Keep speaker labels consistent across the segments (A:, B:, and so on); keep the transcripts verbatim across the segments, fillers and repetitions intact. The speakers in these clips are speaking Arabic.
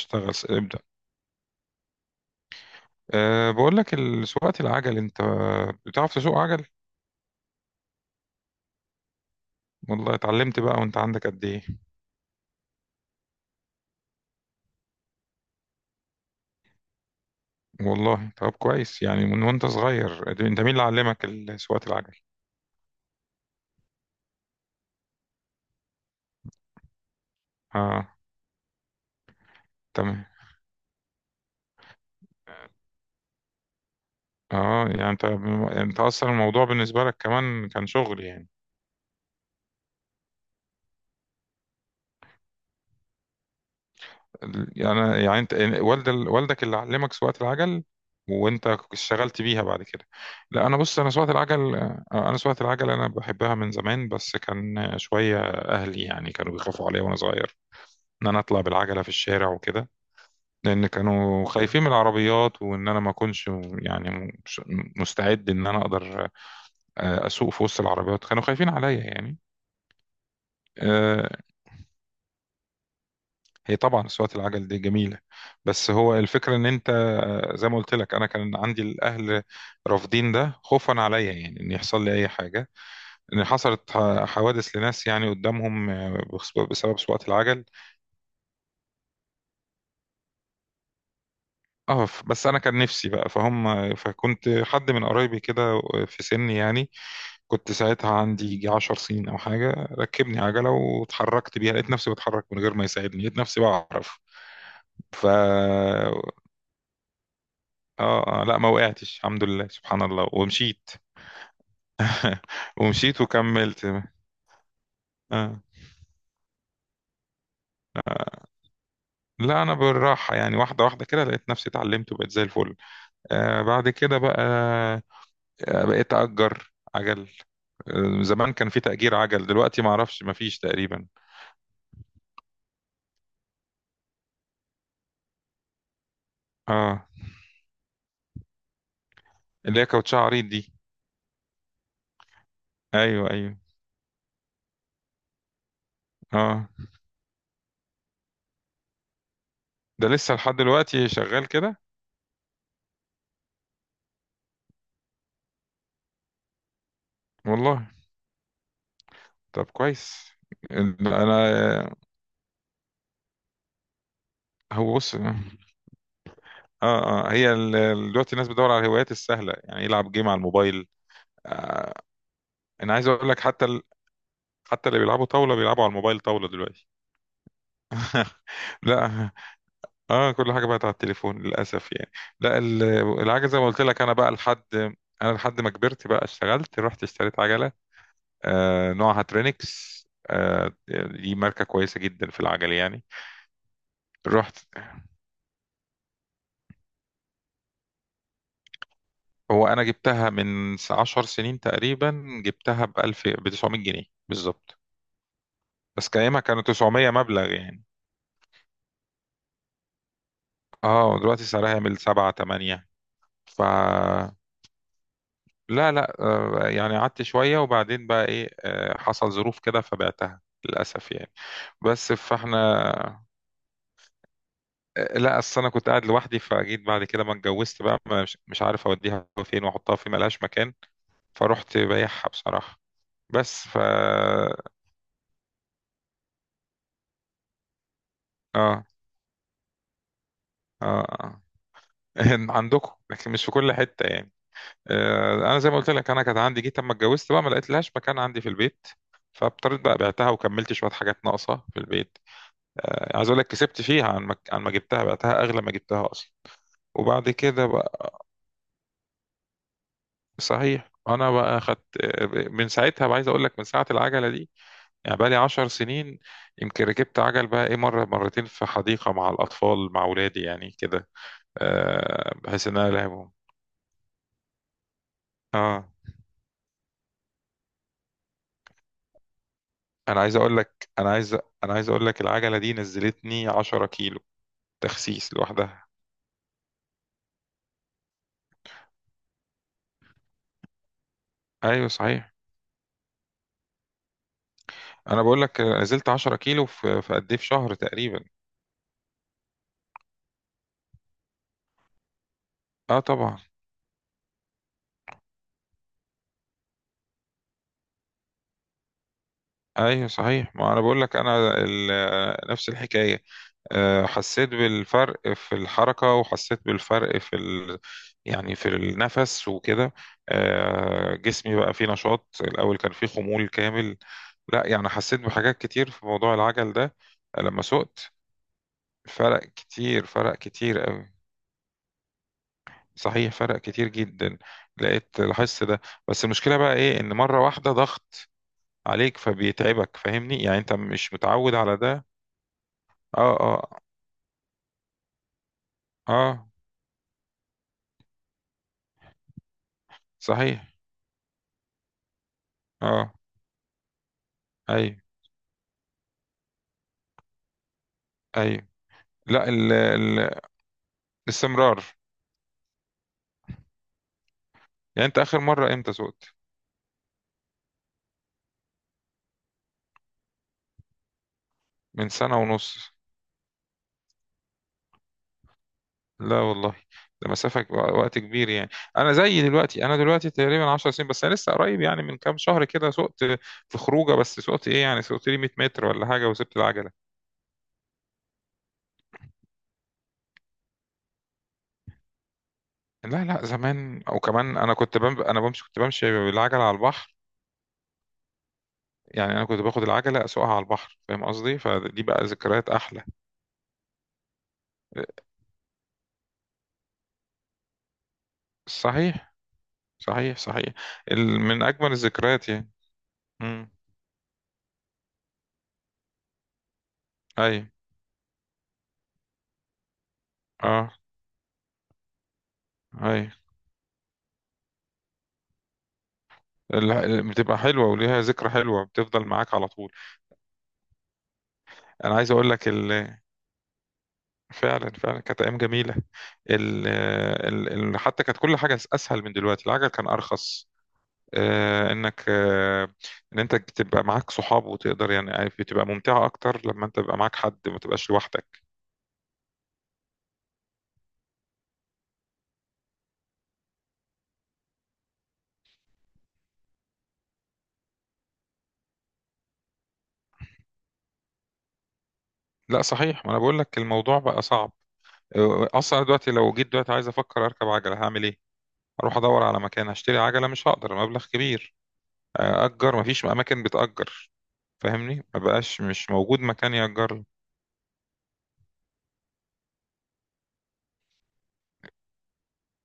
A: اشتغل ابدأ. أه بقول لك ال- سواقة العجل. انت بتعرف تسوق عجل؟ والله اتعلمت بقى. وانت عندك قد ايه؟ والله، طب كويس، يعني من وانت صغير. انت مين اللي علمك ال- سواقة العجل؟ اه. تمام. اه، يعني انت انت اصلا الموضوع بالنسبة لك كمان كان شغل يعني. ال- يعني يعني انت يعني والد والدك اللي علمك سواقة العجل، وانت اشتغلت بيها بعد كده. لا انا بص، انا سواقة العجل آه، انا سواقة العجل، انا بحبها من زمان، بس كان شوية اهلي يعني كانوا بيخافوا عليا وانا صغير ان انا اطلع بالعجلة في الشارع وكده. لان كانوا خايفين من العربيات، وان انا ما اكونش يعني مش- مستعد ان انا اقدر آه، اسوق في وسط العربيات. كانوا خايفين عليا يعني. آه، هي طبعا أصوات العجل دي جميلة. بس هو الفكرة إن أنت آه، زي ما قلت لك أنا كان عندي الأهل رافضين ده خوفا عليا، يعني إن يحصل لي أي حاجة. إن حصلت ح- حوادث لناس يعني قدامهم آه، بخص- بسبب سواقة العجل. أه ف- بس أنا كان نفسي بقى فهم، فكنت حد من قرايبي كده، آه، في سني يعني، كنت ساعتها عندي يجي 10 سنين أو حاجة. ركبني عجلة واتحركت بيها، لقيت نفسي بتحرك من غير ما يساعدني، لقيت نفسي بعرف. ف اه، اه، لا ما وقعتش، الحمد لله، سبحان الله، ومشيت. ومشيت وكملت. آه. لا انا بالراحه، يعني واحده واحده كده لقيت نفسي اتعلمت، وبقيت زي الفل. آه بعد كده بقى، آه بقيت اجر عجل. آه زمان كان في تأجير عجل، دلوقتي ما اعرفش، ما فيش تقريبا. اه، اللي هي كاوتشة عريض دي. ايوه، ايوه. اه، ده لسه لحد دلوقتي شغال كده؟ والله، طب كويس، انا. هو بص، اه، اه، هي ال- دلوقتي الناس بتدور على الهوايات السهله، يعني يلعب جيم على الموبايل. انا عايز اقول لك حتى ال... حتى اللي بيلعبوا طاوله بيلعبوا على الموبايل طاوله دلوقتي. لا اه، كل حاجه بقت على التليفون للاسف يعني. لا، ال- العجله زي ما قلت لك انا بقى لحد، انا لحد ما كبرت بقى اشتغلت، رحت اشتريت عجله. آه نوعها ترينكس. آه دي ماركه كويسه جدا في العجل يعني. رحت. هو انا جبتها من 10 سنين تقريبا، جبتها ب ألف، ب تسعمية جنيه بالظبط. بس كايامها كانوا تسعمية مبلغ يعني. اه، دلوقتي سعرها يعمل سبعة تمانية. ف لا، لا، آه، يعني قعدت شوية، وبعدين بقى ايه، آه، حصل ظروف كده فبعتها للأسف يعني. بس فاحنا. آه، لا أصل أنا كنت قاعد لوحدي، فجيت بعد كده ما اتجوزت بقى مش, مش عارف أوديها فين وأحطها فين، ملهاش مكان. فرحت بايعها بصراحة. بس ف اه، اه آه. عندكم، لكن مش في كل حتة يعني. آه، انا زي ما قلت لك انا كانت عندي، جيت اما اتجوزت بقى ما لقيت لهاش مكان عندي في البيت. فاضطريت بقى بعتها، وكملت شويه حاجات ناقصه في البيت. آه، عايز اقول لك كسبت فيها، عن ما عن ما جبتها بعتها اغلى ما جبتها اصلا. وبعد كده بقى. صحيح، انا بقى خدت آه، من ساعتها بقى، عايز اقول لك من ساعه العجله دي، يعني بقى لي 10 سنين. يمكن ركبت عجل بقى ايه مره مرتين في حديقه مع الاطفال، مع اولادي يعني كده، آه، بحيث ان انا ألهمهم. اه، انا عايز اقول لك انا عايز انا عايز اقول لك العجله دي نزلتني 10 كيلو، تخسيس لوحدها. ايوه صحيح، انا بقول لك نزلت 10 كيلو في في قد ايه، في شهر تقريبا. اه طبعا. ايوه صحيح، ما انا بقول لك انا ال- نفس الحكايه. آه، حسيت بالفرق في الحركه، وحسيت بالفرق في ال... يعني في النفس وكده. آه، جسمي بقى فيه نشاط، الاول كان فيه خمول كامل. لا يعني حسيت بحاجات كتير في موضوع العجل ده لما سوقت. فرق كتير، فرق كتير. صحيح، فرق كتير جدا. لقيت لاحظت ده. بس المشكلة بقى ايه، ان مرة واحدة ضغط عليك فبيتعبك، فاهمني؟ يعني انت مش متعود على ده. اه، اه، اه، صحيح، اه، ايوه، ايوه. لا ال ال الاستمرار. يعني انت اخر مرة امتى سوقت؟ من سنة ونص. لا والله، ده مسافة ك- وقت كبير يعني. انا زي دلوقتي انا دلوقتي تقريبا 10 سنين، بس انا لسه قريب يعني من كام شهر كده سوقت، في خروجه بس، سوقت ايه يعني، سوقت لي 100 متر ولا حاجه، وسبت العجله. لا، لا، زمان او كمان انا كنت بم... انا بمشي كنت بمشي بالعجله على البحر. يعني انا كنت باخد العجله اسوقها على البحر، فاهم قصدي؟ فدي بقى ذكريات احلى. صحيح، صحيح، صحيح. ال... من اجمل الذكريات يعني. امم. اي، اه، اي. ال... ال- بتبقى حلوه وليها ذكرى حلوه بتفضل معاك على طول. انا عايز اقول لك ال... فعلا، فعلا كانت ايام جميله. ال... ال... ال... حتى كانت كل حاجه اسهل من دلوقتي، العجل كان ارخص، آه، انك آه، ان انت تبقى معاك صحاب وتقدر، يعني عارف، بتبقى ممتعة اكتر لما انت تبقى معاك حد ما تبقاش لوحدك. لا صحيح، ما انا بقول لك الموضوع بقى صعب، آه، اصلا دلوقتي، لو جيت دلوقتي عايز افكر اركب عجلة، هعمل ايه؟ اروح ادور على مكان هشتري عجلة، مش هقدر، مبلغ كبير. آه، اجر، ما فيش اماكن بتأجر، فاهمني؟ ما بقاش، مش موجود مكان يأجر لي.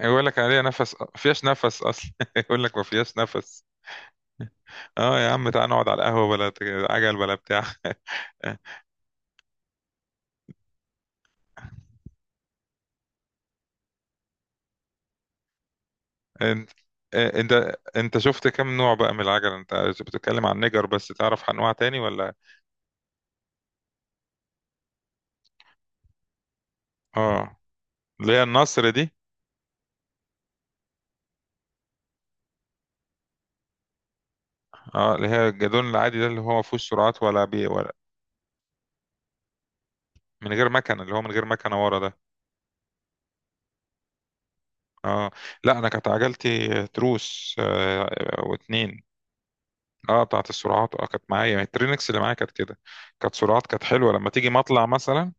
A: يقول لك عليها نفس ما فيهاش نفس اصلا. يقول لك ما فيهاش نفس. اه يا عم، تعال نقعد على القهوة، بلا عجل بلا بتاع. انت، آه، انت انت شفت كم نوع بقى من العجل انت؟ بتتكلم عن نجر، بس تعرف انواع تاني ولا؟ اه، اللي هي النصر دي. اه، اللي هي الجدون العادي ده، اللي هو ما فيهوش سرعات ولا بي ولا من غير مكنه، اللي هو من غير مكنه ورا ده. اه، لا انا كانت عجلتي تروس. آه واتنين. اه، بتاعت السرعات، اه، كانت معايا يعني الترينكس اللي معايا كانت كده، كانت سرعات، كانت حلوه لما تيجي مطلع مثلا.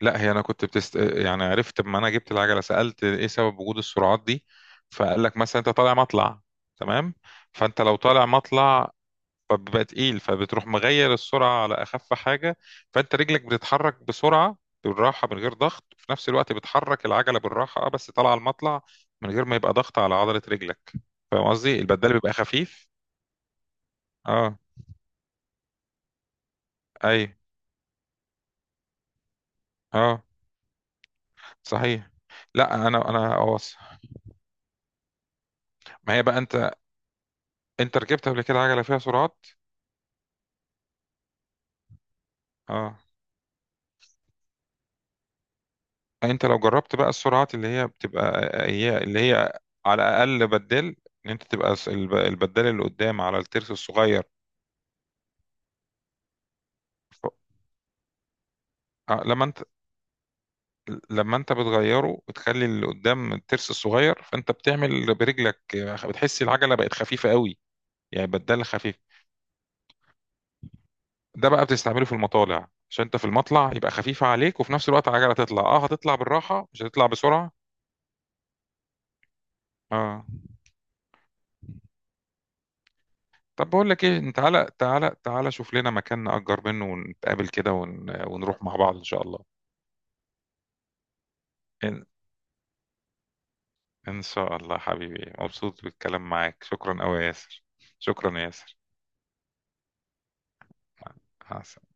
A: لا هي انا كنت بتست... يعني عرفت، لما انا جبت العجله سالت ايه سبب وجود السرعات دي. فقال لك مثلا انت طالع مطلع. تمام. فانت لو طالع مطلع، فبيبقى تقيل، فبتروح مغير السرعه على اخف حاجه. فانت رجلك بتتحرك بسرعه، بالراحه من غير ضغط، وفي نفس الوقت بتحرك العجله بالراحه، اه بس طالعه المطلع، من غير ما يبقى ضغط على عضله رجلك، فاهم قصدي؟ البدال بيبقى خفيف. اه، اي، اه، صحيح، لا انا انا أوص. ما هي بقى انت انت ركبت قبل كده عجله فيها سرعات؟ اه، انت لو جربت بقى السرعات اللي هي بتبقى هي اللي هي، على اقل بدال، ان انت تبقى الس- الب- البدال اللي قدام على الترس الصغير. ف- آه، لما انت لما انت بتغيره وتخلي اللي قدام الترس الصغير، فانت بتعمل برجلك، بتحس العجله بقت خفيفه قوي، يعني بدال خفيف. ده بقى بتستعمله في المطالع، عشان انت في المطلع يبقى خفيفه عليك، وفي نفس الوقت العجله تطلع، اه هتطلع بالراحه، مش هتطلع بسرعه. اه، طب بقول لك ايه، انت تعالى، تعالى، تعالى، شوف لنا مكان نأجر منه، ونتقابل كده ون... ونروح مع بعض ان شاء الله. ان إن شاء الله حبيبي، مبسوط بالكلام معاك، شكرا قوي يا ياسر. شكرا يا ياسر. مع مع السلامة.